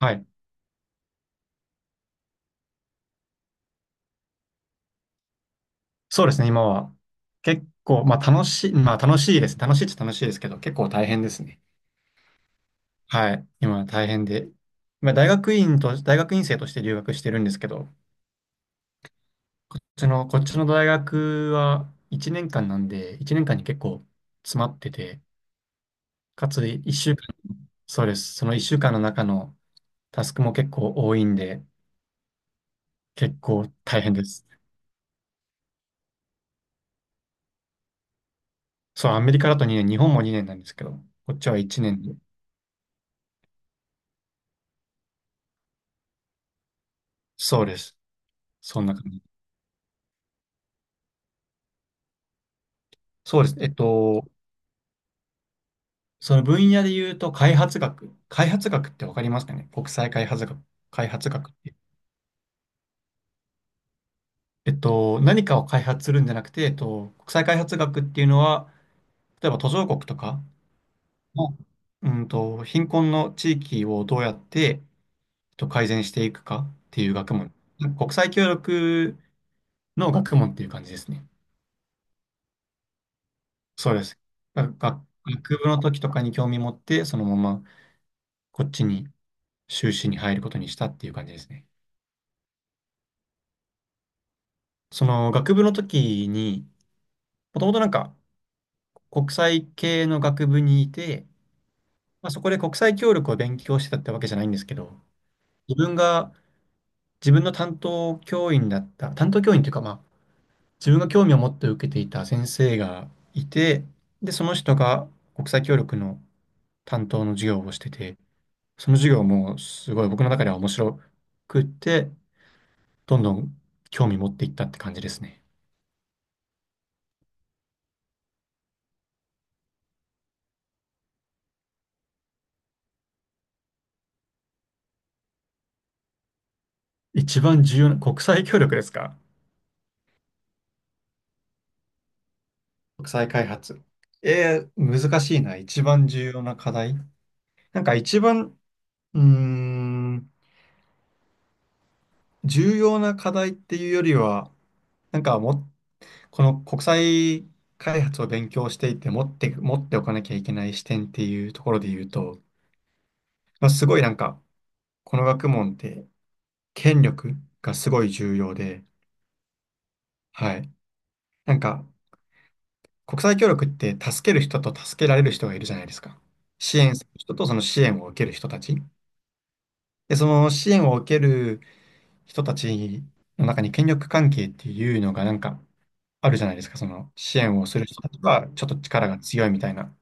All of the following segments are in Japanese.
はい。そうですね、今は。結構、まあ楽しいです。楽しいっちゃ楽しいですけど、結構大変ですね。はい。今は大変で。まあ大学院生として留学してるんですけど、こっちの大学は1年間なんで、1年間に結構詰まってて、かつ1週間、そうです。その1週間の中のタスクも結構多いんで、結構大変です。そう、アメリカだと2年、日本も2年なんですけど、こっちは1年で。そうです。そんな感じ。そうです。その分野で言うと、開発学。開発学ってわかりますかね、国際開発学。開発学って。何かを開発するんじゃなくて、国際開発学っていうのは、例えば途上国とかの、貧困の地域をどうやって、改善していくかっていう学問。国際協力の学問っていう感じですね。そうです。学学部の時とかに興味持って、そのままこっちに修士に入ることにしたっていう感じですね。その学部の時に、もともとなんか国際系の学部にいて、まあ、そこで国際協力を勉強してたってわけじゃないんですけど、自分が自分の担当教員だった、担当教員というかまあ自分が興味を持って受けていた先生がいて、で、その人が国際協力の担当の授業をしてて、その授業もすごい僕の中では面白くって、どんどん興味持っていったって感じですね。一番重要な、国際協力ですか？国際開発。えー、難しいな。一番重要な課題。なんか一番、うーん、重要な課題っていうよりは、なんかも、この国際開発を勉強していて持っておかなきゃいけない視点っていうところで言うと、まあ、すごいなんか、この学問って権力がすごい重要で。はい。なんか、国際協力って助ける人と助けられる人がいるじゃないですか。支援する人とその支援を受ける人たち。で、その支援を受ける人たちの中に権力関係っていうのがなんかあるじゃないですか。その支援をする人たちはちょっと力が強いみたいな。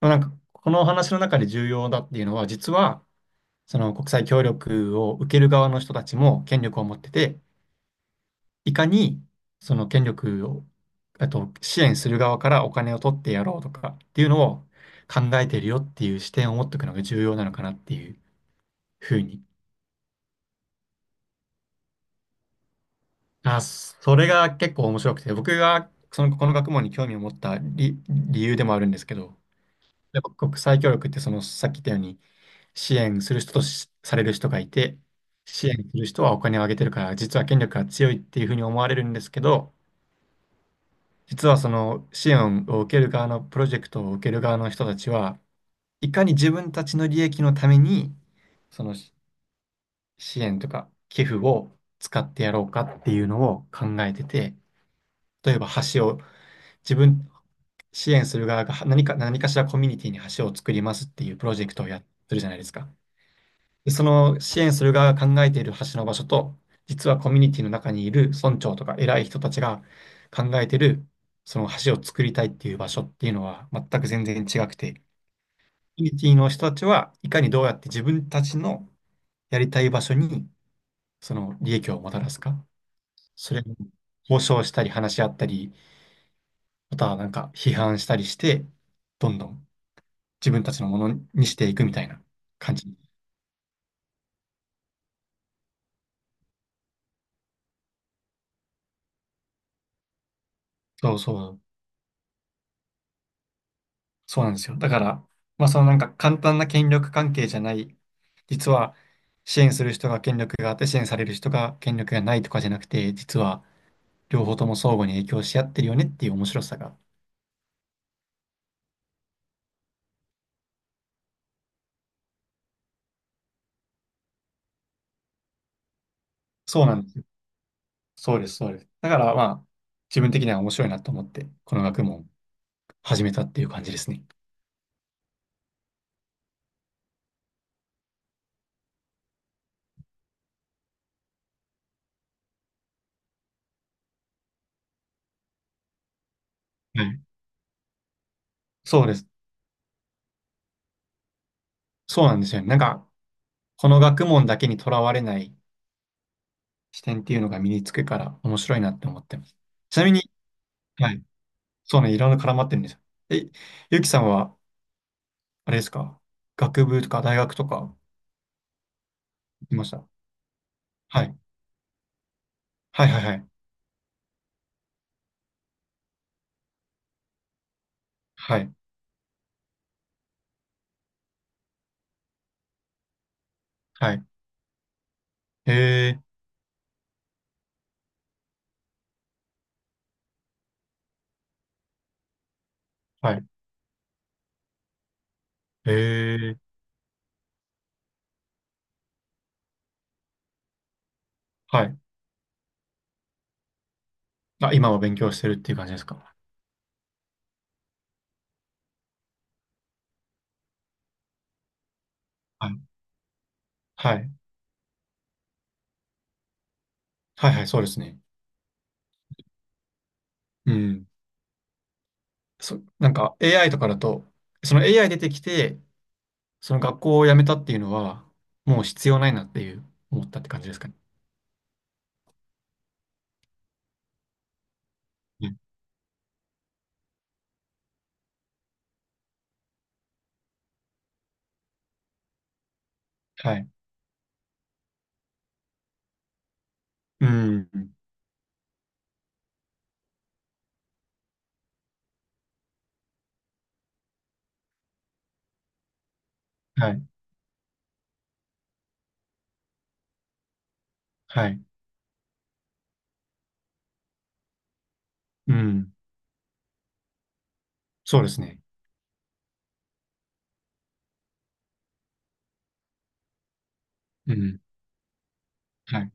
まあなんかこのお話の中で重要だっていうのは、実はその国際協力を受ける側の人たちも権力を持ってて、いかにその権力を、あと支援する側からお金を取ってやろうとかっていうのを考えてるよっていう視点を持っておくのが重要なのかなっていうふうに。あ、それが結構面白くて、僕がその、この学問に興味を持った理由でもあるんですけど、やっぱ国際協力ってその、さっき言ったように、支援する人とされる人がいて、支援する人はお金をあげてるから、実は権力が強いっていうふうに思われるんですけど、実はその支援を受ける側のプロジェクトを受ける側の人たちは、いかに自分たちの利益のために、そのし支援とか寄付を使ってやろうかっていうのを考えてて、例えば橋を自分、支援する側が何かしらコミュニティに橋を作りますっていうプロジェクトをやってるじゃないですか。で、その支援する側が考えている橋の場所と、実はコミュニティの中にいる村長とか偉い人たちが考えているその橋を作りたいっていう場所っていうのは全然違くて、コミュニティの人たちはいかにどうやって自分たちのやりたい場所にその利益をもたらすか、それを交渉したり話し合ったり、またはなんか批判したりして、どんどん自分たちのものにしていくみたいな感じ。そうそう、そうなんですよ。だから、まあそのなんか簡単な権力関係じゃない、実は支援する人が権力があって支援される人が権力がないとかじゃなくて、実は両方とも相互に影響し合ってるよねっていう面白さが。そうなんですよ。そうです。だからまあ自分的には面白いなと思って、この学問を始めたっていう感じですね。はい。そうです。そうなんですよね。なんか、この学問だけにとらわれない視点っていうのが身につくから面白いなって思ってます。ちなみに、はい。そうね、いろんな絡まってるんですよ。え、ゆきさんは、あれですか、学部とか大学とか行ってました？はい。はいはいはい。はい。はい。へえ、はい。へえ、はい。あ、今は勉強してるっていう感じですか？はい。はい。はいはい、そうですね。うん。そ、なんか AI とかだと、その AI 出てきて、その学校を辞めたっていうのは、もう必要ないなっていう思ったって感じですかね。うん。はい。うん。はい。はい。うん。そうですね。うん。はい。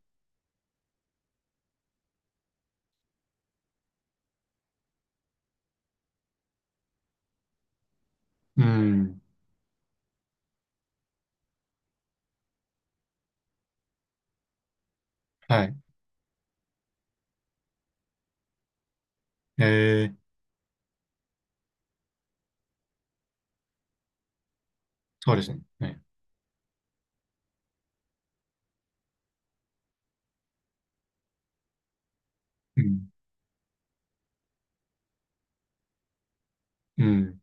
うん。はい。えー、そうですね。はい。うん。うん。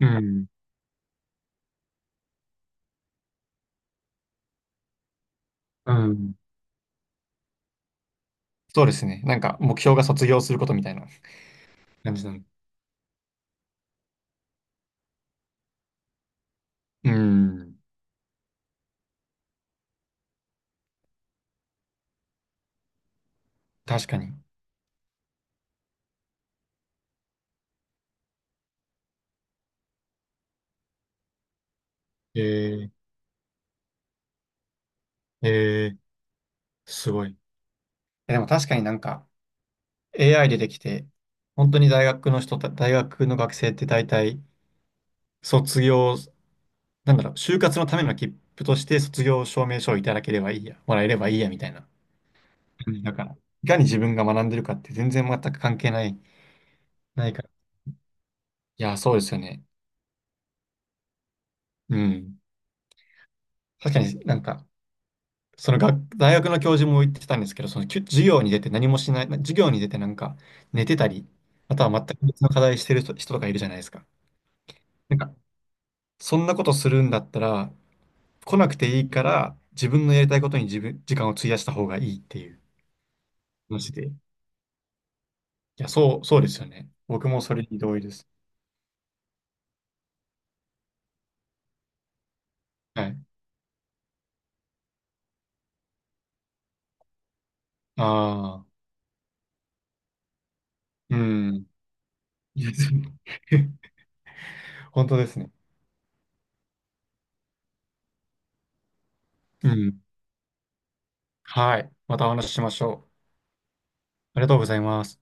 うん。うん。そうですね。なんか、目標が卒業することみたいな 感じなの。うん。確かに。えー、えー、すごい。え、でも確かになんか、AI 出てきて、本当に大学の大学の学生って大体、卒業、なんだろう、就活のための切符として卒業証明書をいただければいいや、もらえればいいや、みたいな。だから、いかに自分が学んでるかって全く関係ない、ないから。いや、そうですよね。うん。確かになんか、その学、大学の教授も言ってたんですけど、その授業に出て何もしない、授業に出てなんか寝てたり、あとは全く別の課題してる人とかいるじゃないですか。なんか、そんなことするんだったら、来なくていいから、自分のやりたいことに時間を費やした方がいいっていう話で。そうですよね。僕もそれに同意です。はい。ああ、うん。いや、そう 本当ですね。うん。はい。またお話ししましょう。ありがとうございます。